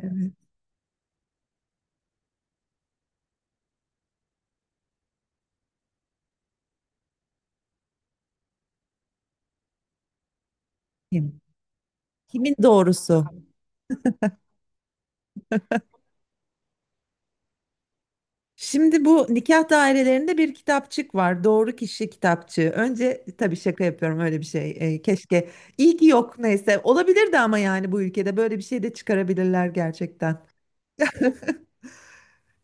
Evet. Kim? Kimin doğrusu? Şimdi bu nikah dairelerinde bir kitapçık var. Doğru kişi kitapçığı. Önce tabii şaka yapıyorum öyle bir şey. Keşke. İyi ki yok neyse. Olabilirdi ama yani bu ülkede böyle bir şey de çıkarabilirler gerçekten.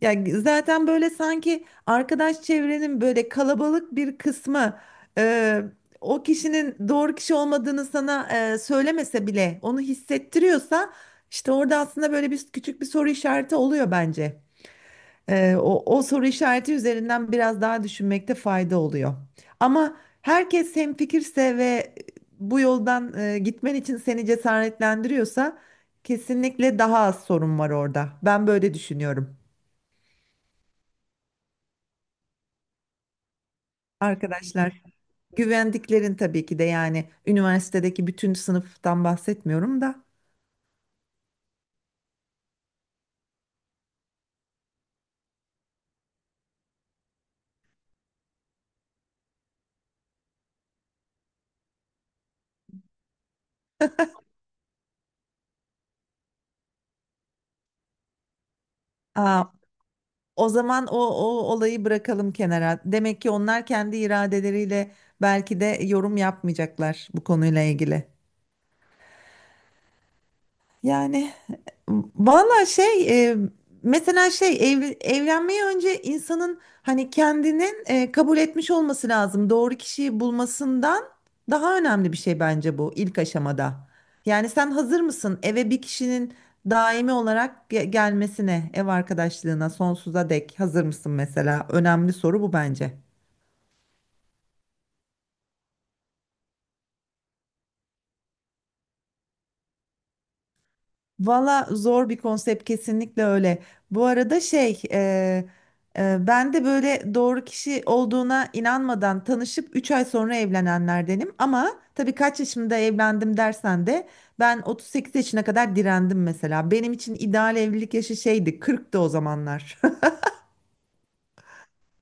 Yani zaten böyle sanki arkadaş çevrenin böyle kalabalık bir kısmı e, o kişinin doğru kişi olmadığını sana söylemese bile onu hissettiriyorsa işte orada aslında böyle bir küçük bir soru işareti oluyor bence. O soru işareti üzerinden biraz daha düşünmekte fayda oluyor. Ama herkes hemfikirse ve bu yoldan gitmen için seni cesaretlendiriyorsa kesinlikle daha az sorun var orada. Ben böyle düşünüyorum. Arkadaşlar, güvendiklerin tabii ki de yani üniversitedeki bütün sınıftan bahsetmiyorum da. Aa, O zaman o olayı bırakalım kenara. Demek ki onlar kendi iradeleriyle belki de yorum yapmayacaklar bu konuyla ilgili. Yani valla şey mesela şey evlenmeye önce insanın hani kendinin kabul etmiş olması lazım. Doğru kişiyi bulmasından daha önemli bir şey bence bu ilk aşamada. Yani sen hazır mısın eve bir kişinin daimi olarak gelmesine, ev arkadaşlığına sonsuza dek hazır mısın mesela? Önemli soru bu bence. Valla zor bir konsept kesinlikle öyle. Bu arada şey ben de böyle doğru kişi olduğuna inanmadan tanışıp 3 ay sonra evlenenlerdenim. Ama tabii kaç yaşımda evlendim dersen de ben 38 yaşına kadar direndim mesela. Benim için ideal evlilik yaşı şeydi 40'tı o zamanlar.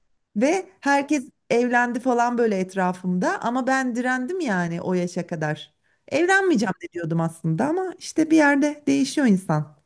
Ve herkes evlendi falan böyle etrafımda ama ben direndim yani o yaşa kadar. Evlenmeyeceğim de diyordum aslında ama işte bir yerde değişiyor insan.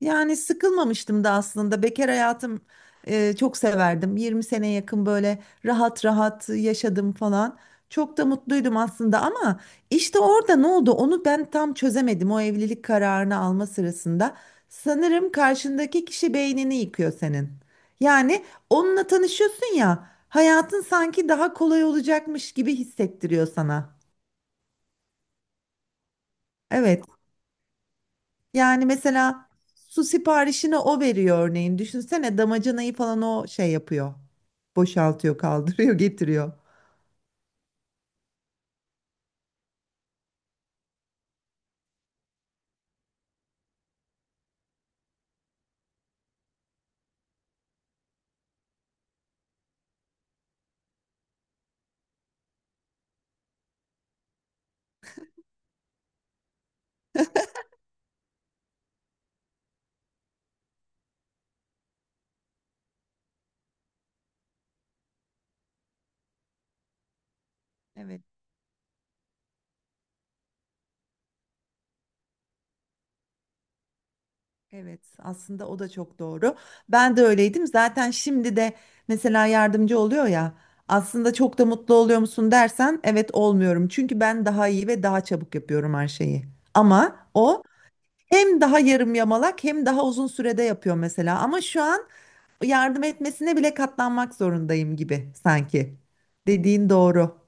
Yani sıkılmamıştım da aslında. Bekar hayatım çok severdim. 20 sene yakın böyle rahat rahat yaşadım falan. Çok da mutluydum aslında ama işte orada ne oldu onu ben tam çözemedim o evlilik kararını alma sırasında. Sanırım karşındaki kişi beynini yıkıyor senin. Yani onunla tanışıyorsun ya hayatın sanki daha kolay olacakmış gibi hissettiriyor sana. Evet. Yani mesela su siparişini o veriyor örneğin. Düşünsene damacanayı falan o şey yapıyor. Boşaltıyor, kaldırıyor, getiriyor. Evet. Evet, aslında o da çok doğru. Ben de öyleydim. Zaten şimdi de mesela yardımcı oluyor ya. Aslında çok da mutlu oluyor musun dersen evet olmuyorum. Çünkü ben daha iyi ve daha çabuk yapıyorum her şeyi. Ama o hem daha yarım yamalak hem daha uzun sürede yapıyor mesela. Ama şu an yardım etmesine bile katlanmak zorundayım gibi sanki. Dediğin doğru.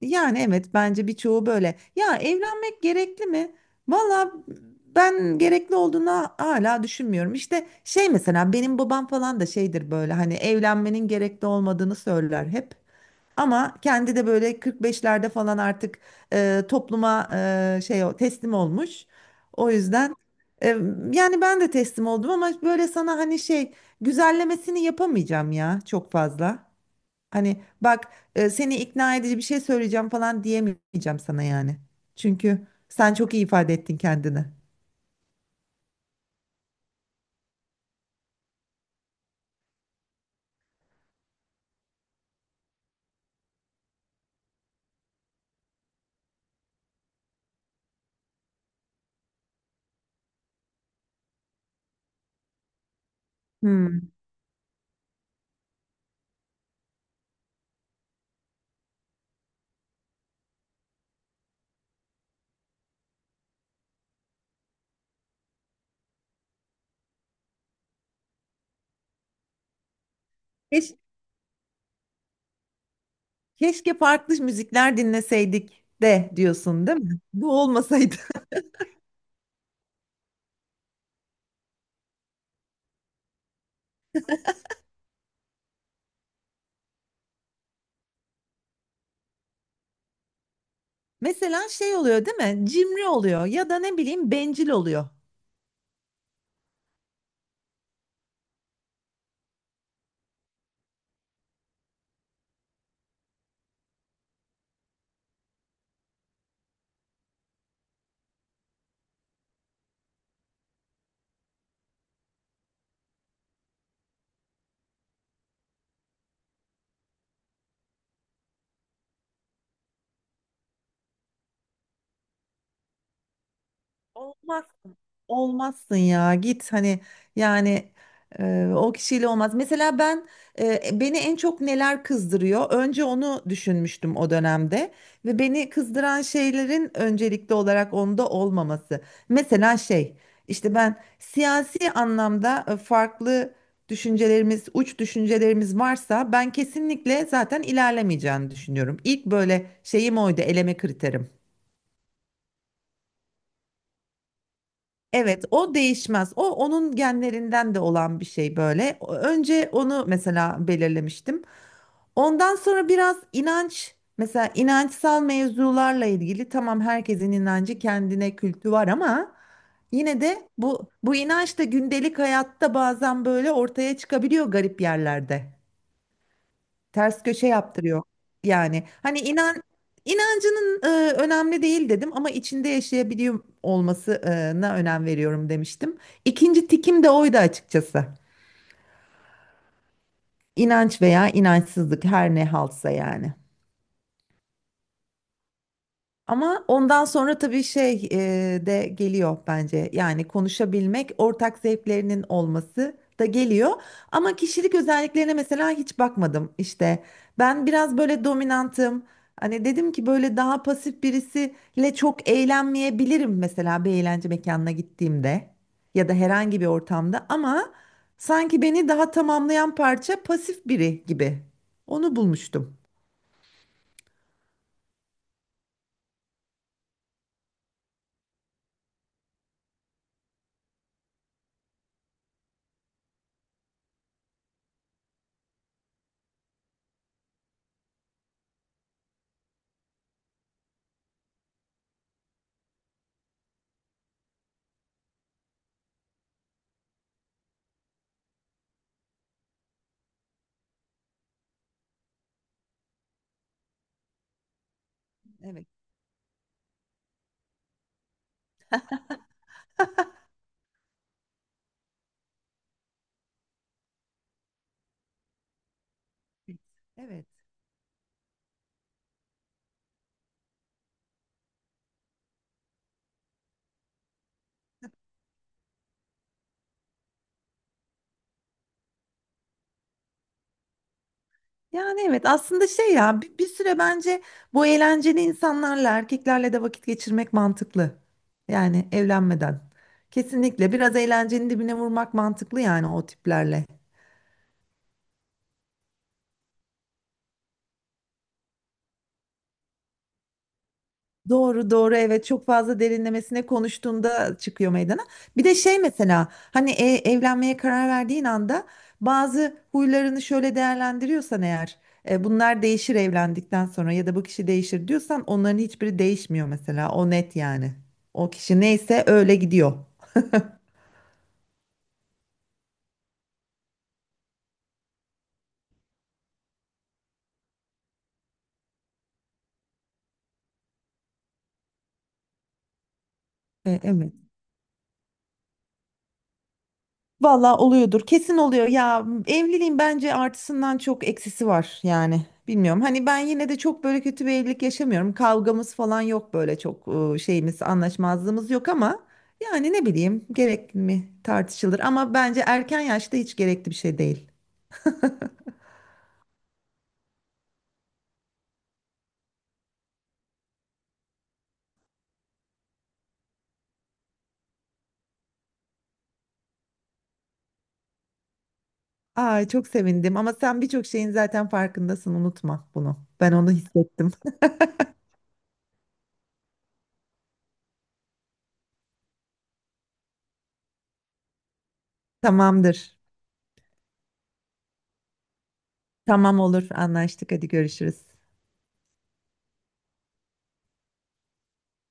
Yani evet bence birçoğu böyle. Ya evlenmek gerekli mi? Valla ben gerekli olduğuna hala düşünmüyorum. İşte şey mesela benim babam falan da şeydir böyle hani evlenmenin gerekli olmadığını söyler hep. Ama kendi de böyle 45'lerde falan artık topluma şey teslim olmuş. O yüzden e, yani ben de teslim oldum ama böyle sana hani şey güzellemesini yapamayacağım ya çok fazla. Hani bak seni ikna edici bir şey söyleyeceğim falan diyemeyeceğim sana yani. Çünkü sen çok iyi ifade ettin kendini. Hmm. Keş- Keşke farklı müzikler dinleseydik de diyorsun değil mi? Bu olmasaydı. Mesela şey oluyor değil mi? Cimri oluyor ya da ne bileyim bencil oluyor. Olmazsın. Olmazsın ya git hani yani o kişiyle olmaz. Mesela ben beni en çok neler kızdırıyor? Önce onu düşünmüştüm o dönemde ve beni kızdıran şeylerin öncelikli olarak onda olmaması. Mesela şey işte ben siyasi anlamda farklı düşüncelerimiz, uç düşüncelerimiz varsa ben kesinlikle zaten ilerlemeyeceğini düşünüyorum. İlk böyle şeyim oydu, eleme kriterim. Evet, o değişmez. O onun genlerinden de olan bir şey böyle. Önce onu mesela belirlemiştim. Ondan sonra biraz inanç, mesela inançsal mevzularla ilgili tamam herkesin inancı kendine kültü var ama yine de bu inanç da gündelik hayatta bazen böyle ortaya çıkabiliyor garip yerlerde ters köşe yaptırıyor. Yani hani inancının önemli değil dedim ama içinde yaşayabiliyor olmasına önem veriyorum demiştim. İkinci tikim de oydu açıkçası. İnanç veya inançsızlık her ne halsa yani. Ama ondan sonra tabii şey de geliyor bence. Yani konuşabilmek, ortak zevklerinin olması da geliyor. Ama kişilik özelliklerine mesela hiç bakmadım işte. Ben biraz böyle dominantım. Hani dedim ki böyle daha pasif birisiyle çok eğlenmeyebilirim mesela bir eğlence mekanına gittiğimde ya da herhangi bir ortamda ama sanki beni daha tamamlayan parça pasif biri gibi. Onu bulmuştum. Evet. Evet. Yani evet aslında şey ya bir süre bence bu eğlenceli insanlarla erkeklerle de vakit geçirmek mantıklı. Yani evlenmeden. Kesinlikle biraz eğlencenin dibine vurmak mantıklı yani o tiplerle. Doğru doğru evet çok fazla derinlemesine konuştuğunda çıkıyor meydana. Bir de şey mesela hani evlenmeye karar verdiğin anda bazı huylarını şöyle değerlendiriyorsan eğer bunlar değişir evlendikten sonra ya da bu kişi değişir diyorsan onların hiçbiri değişmiyor mesela o net yani. O kişi neyse öyle gidiyor. Evet. Valla oluyordur. Kesin oluyor. Ya evliliğin bence artısından çok eksisi var yani. Bilmiyorum. Hani ben yine de çok böyle kötü bir evlilik yaşamıyorum. Kavgamız falan yok böyle çok şeyimiz, anlaşmazlığımız yok ama yani ne bileyim gerekli mi tartışılır ama bence erken yaşta hiç gerekli bir şey değil. Ay çok sevindim ama sen birçok şeyin zaten farkındasın unutma bunu. Ben onu hissettim. Tamamdır. Tamam olur anlaştık hadi görüşürüz.